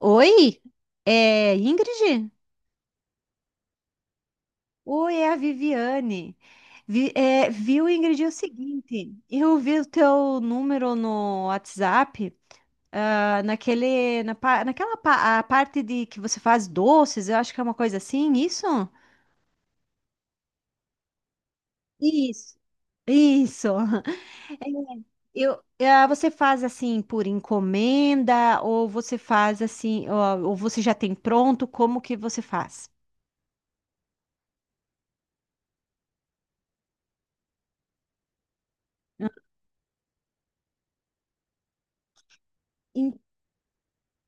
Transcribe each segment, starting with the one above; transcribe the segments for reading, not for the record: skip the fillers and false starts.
Oi, é Ingrid? Oi, é a Viviane. Viu, Ingrid, é o seguinte, eu vi o teu número no WhatsApp, ah, naquele, na, pa- naquela pa- a parte de que você faz doces, eu acho que é uma coisa assim, isso? Isso, isso. Você faz assim por encomenda ou você faz assim, ou você já tem pronto, como que você faz?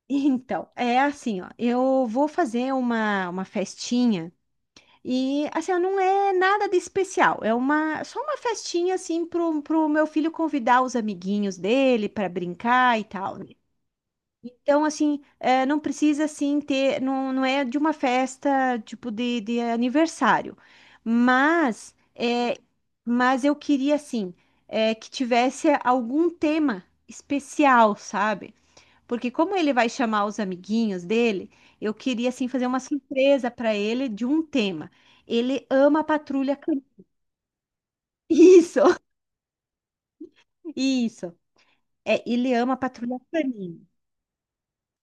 Então, é assim, ó, eu vou fazer uma festinha e, assim, ó, não é nada de especial, é só uma festinha, assim, pro meu filho convidar os amiguinhos dele para brincar e tal, né? Então, assim, é, não precisa, assim, ter, não, não é de uma festa, tipo, de aniversário, mas, é, mas eu queria, assim, que tivesse algum tema especial, sabe? Porque como ele vai chamar os amiguinhos dele, eu queria assim fazer uma surpresa para ele de um tema. Ele ama a patrulha canina. Isso, isso. É, ele ama a patrulha canina.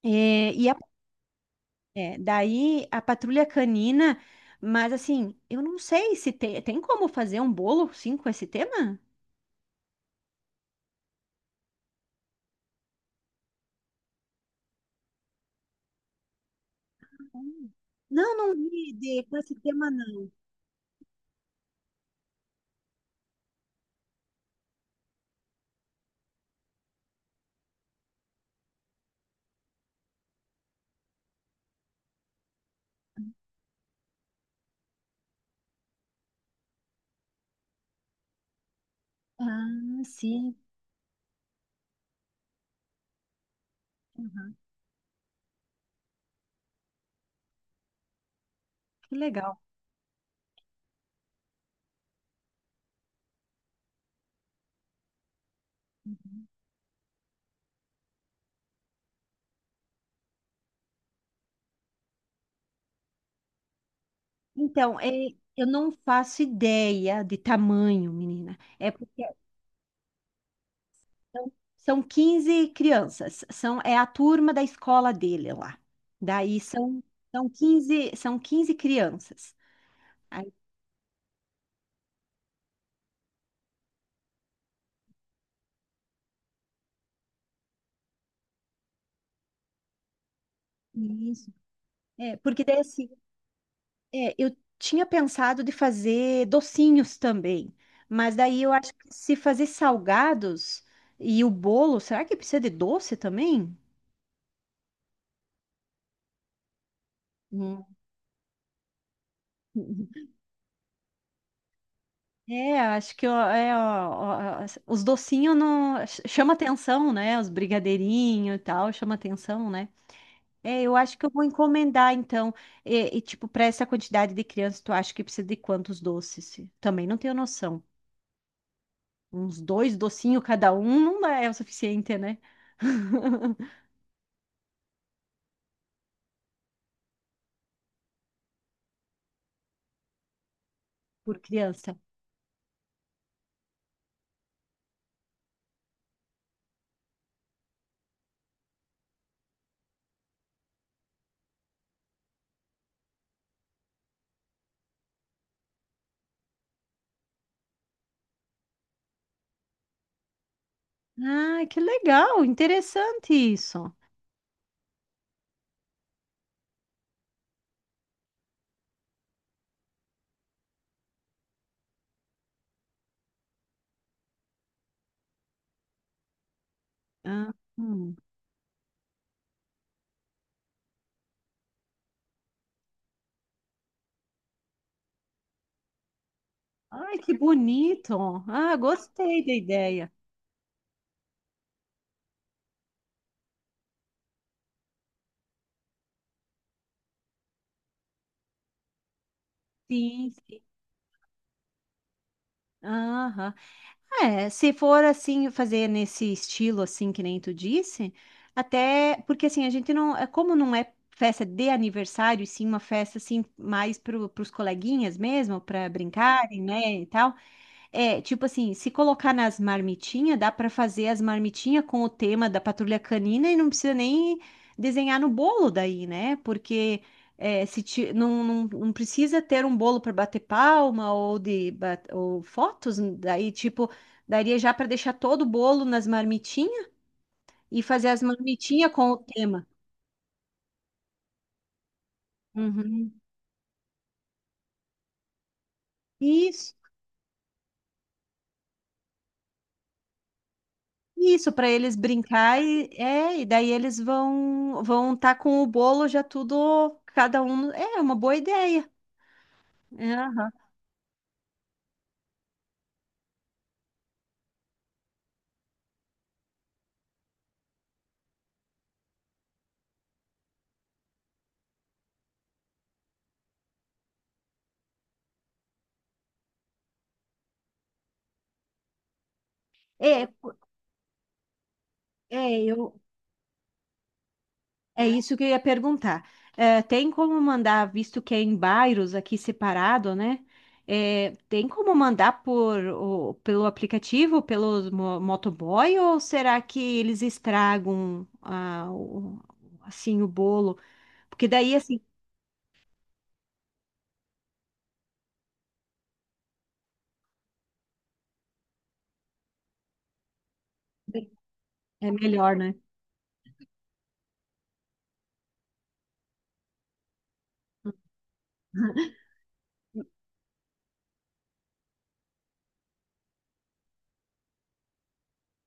É, e a- Daí a patrulha canina, mas assim, eu não sei se tem como fazer um bolo sim com esse tema? Hum. Não, não vi com esse tema não. Ah, sim. Uhum, que legal. Uhum. Então, eu não faço ideia de tamanho, menina. É porque são, são 15 crianças, é a turma da escola dele lá. Daí são quinze crianças. Aí, isso. Porque daí assim, eu tinha pensado de fazer docinhos também, mas daí eu acho que se fazer salgados e o bolo, será que precisa de doce também? Hum. Acho que ó, os docinhos não chama atenção, né? Os brigadeirinhos e tal, chama atenção, né? Eu acho que eu vou encomendar então. Tipo, para essa quantidade de crianças, tu acha que precisa de quantos doces? Também não tenho noção. Uns dois docinhos cada um não dá- é o suficiente, né? Por criança. Ah, que legal, interessante isso. Ah. Ai, que bonito. Ah, gostei da ideia. Sim, sim. Aham. Se for assim, fazer nesse estilo assim que nem tu disse, até porque assim, a gente não, é como não é festa de aniversário, e sim uma festa assim mais para os coleguinhas mesmo, para brincarem, né, e tal. Tipo assim, se colocar nas marmitinhas, dá pra fazer as marmitinhas com o tema da patrulha canina e não precisa nem desenhar no bolo daí, né? Porque é, se ti- não, não, não precisa ter um bolo para bater palma ou ou fotos, daí tipo daria já para deixar todo o bolo nas marmitinhas e fazer as marmitinhas com o tema. Uhum. Isso. Isso, para eles brincar e é, e daí eles vão estar com o bolo já tudo cada um. É uma boa ideia. É, aham. É, po- é, eu é isso que eu ia perguntar. Tem como mandar, visto que é em bairros aqui separado, né? Tem como mandar por pelo aplicativo, pelo motoboy, ou será que eles estragam assim o bolo? Porque daí assim é melhor, né?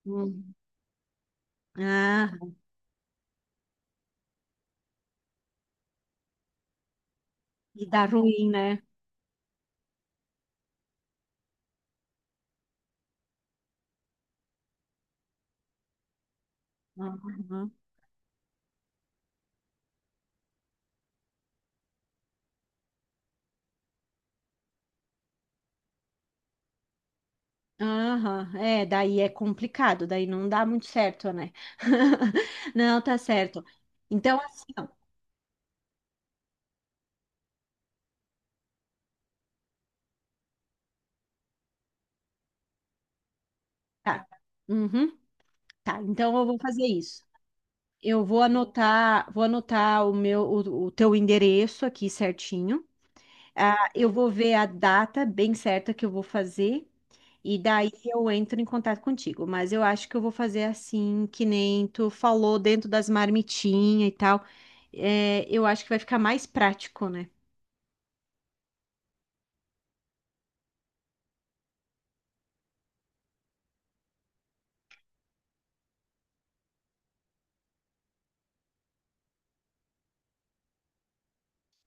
Hum. Ah, e dá ruim, né? Aham. Aham. Daí é complicado, daí não dá muito certo, né? Não, tá certo. Então, assim, ó, tá. Uhum. Tá, então eu vou fazer isso. Eu vou anotar o meu, o teu endereço aqui certinho. Ah, eu vou ver a data bem certa que eu vou fazer. E daí eu entro em contato contigo, mas eu acho que eu vou fazer assim, que nem tu falou dentro das marmitinhas e tal. Eu acho que vai ficar mais prático, né?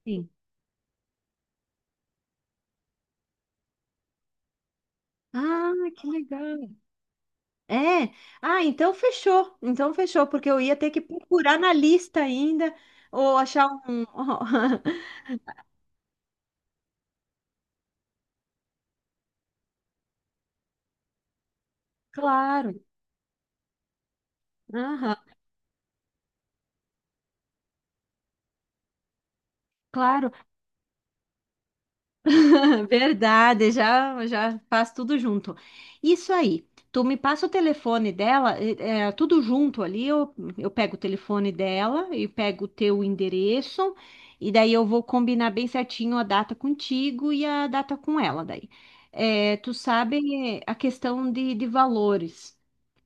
Sim. Ah, que legal. É. Ah, então fechou. Então fechou, porque eu ia ter que procurar na lista ainda ou achar um. Claro. Aham. Claro. Verdade, já já faz tudo junto. Isso aí. Tu me passa o telefone dela, tudo junto ali. Eu pego o telefone dela e pego o teu endereço, e daí eu vou combinar bem certinho a data contigo e a data com ela daí. É, tu sabe a questão de valores.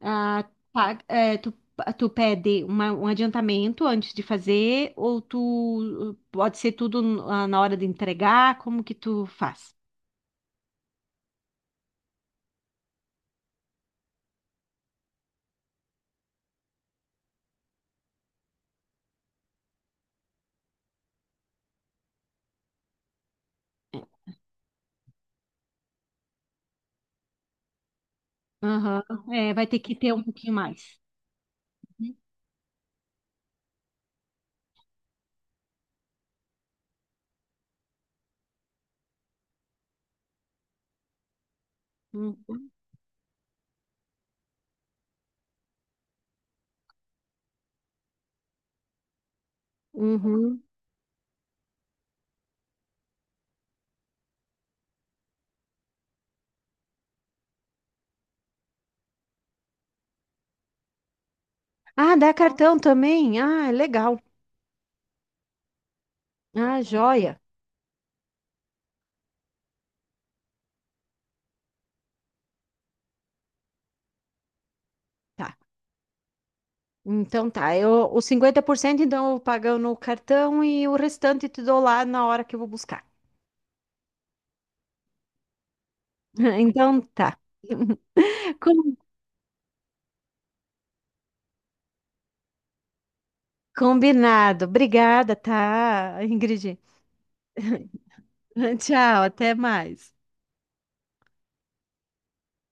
Ah, pa- é, tu, tu pede um adiantamento antes de fazer, ou tu pode ser tudo na hora de entregar, como que tu faz? Aham. É, vai ter que ter um pouquinho mais. Uhum. Uhum. Ah, dá cartão também? Ah, legal. Ah, joia. Tá. Então tá. Eu, os 50%, então eu pago no cartão e o restante te dou lá na hora que eu vou buscar. Então tá. Com- Combinado. Obrigada, tá, Ingrid? Tchau, até mais.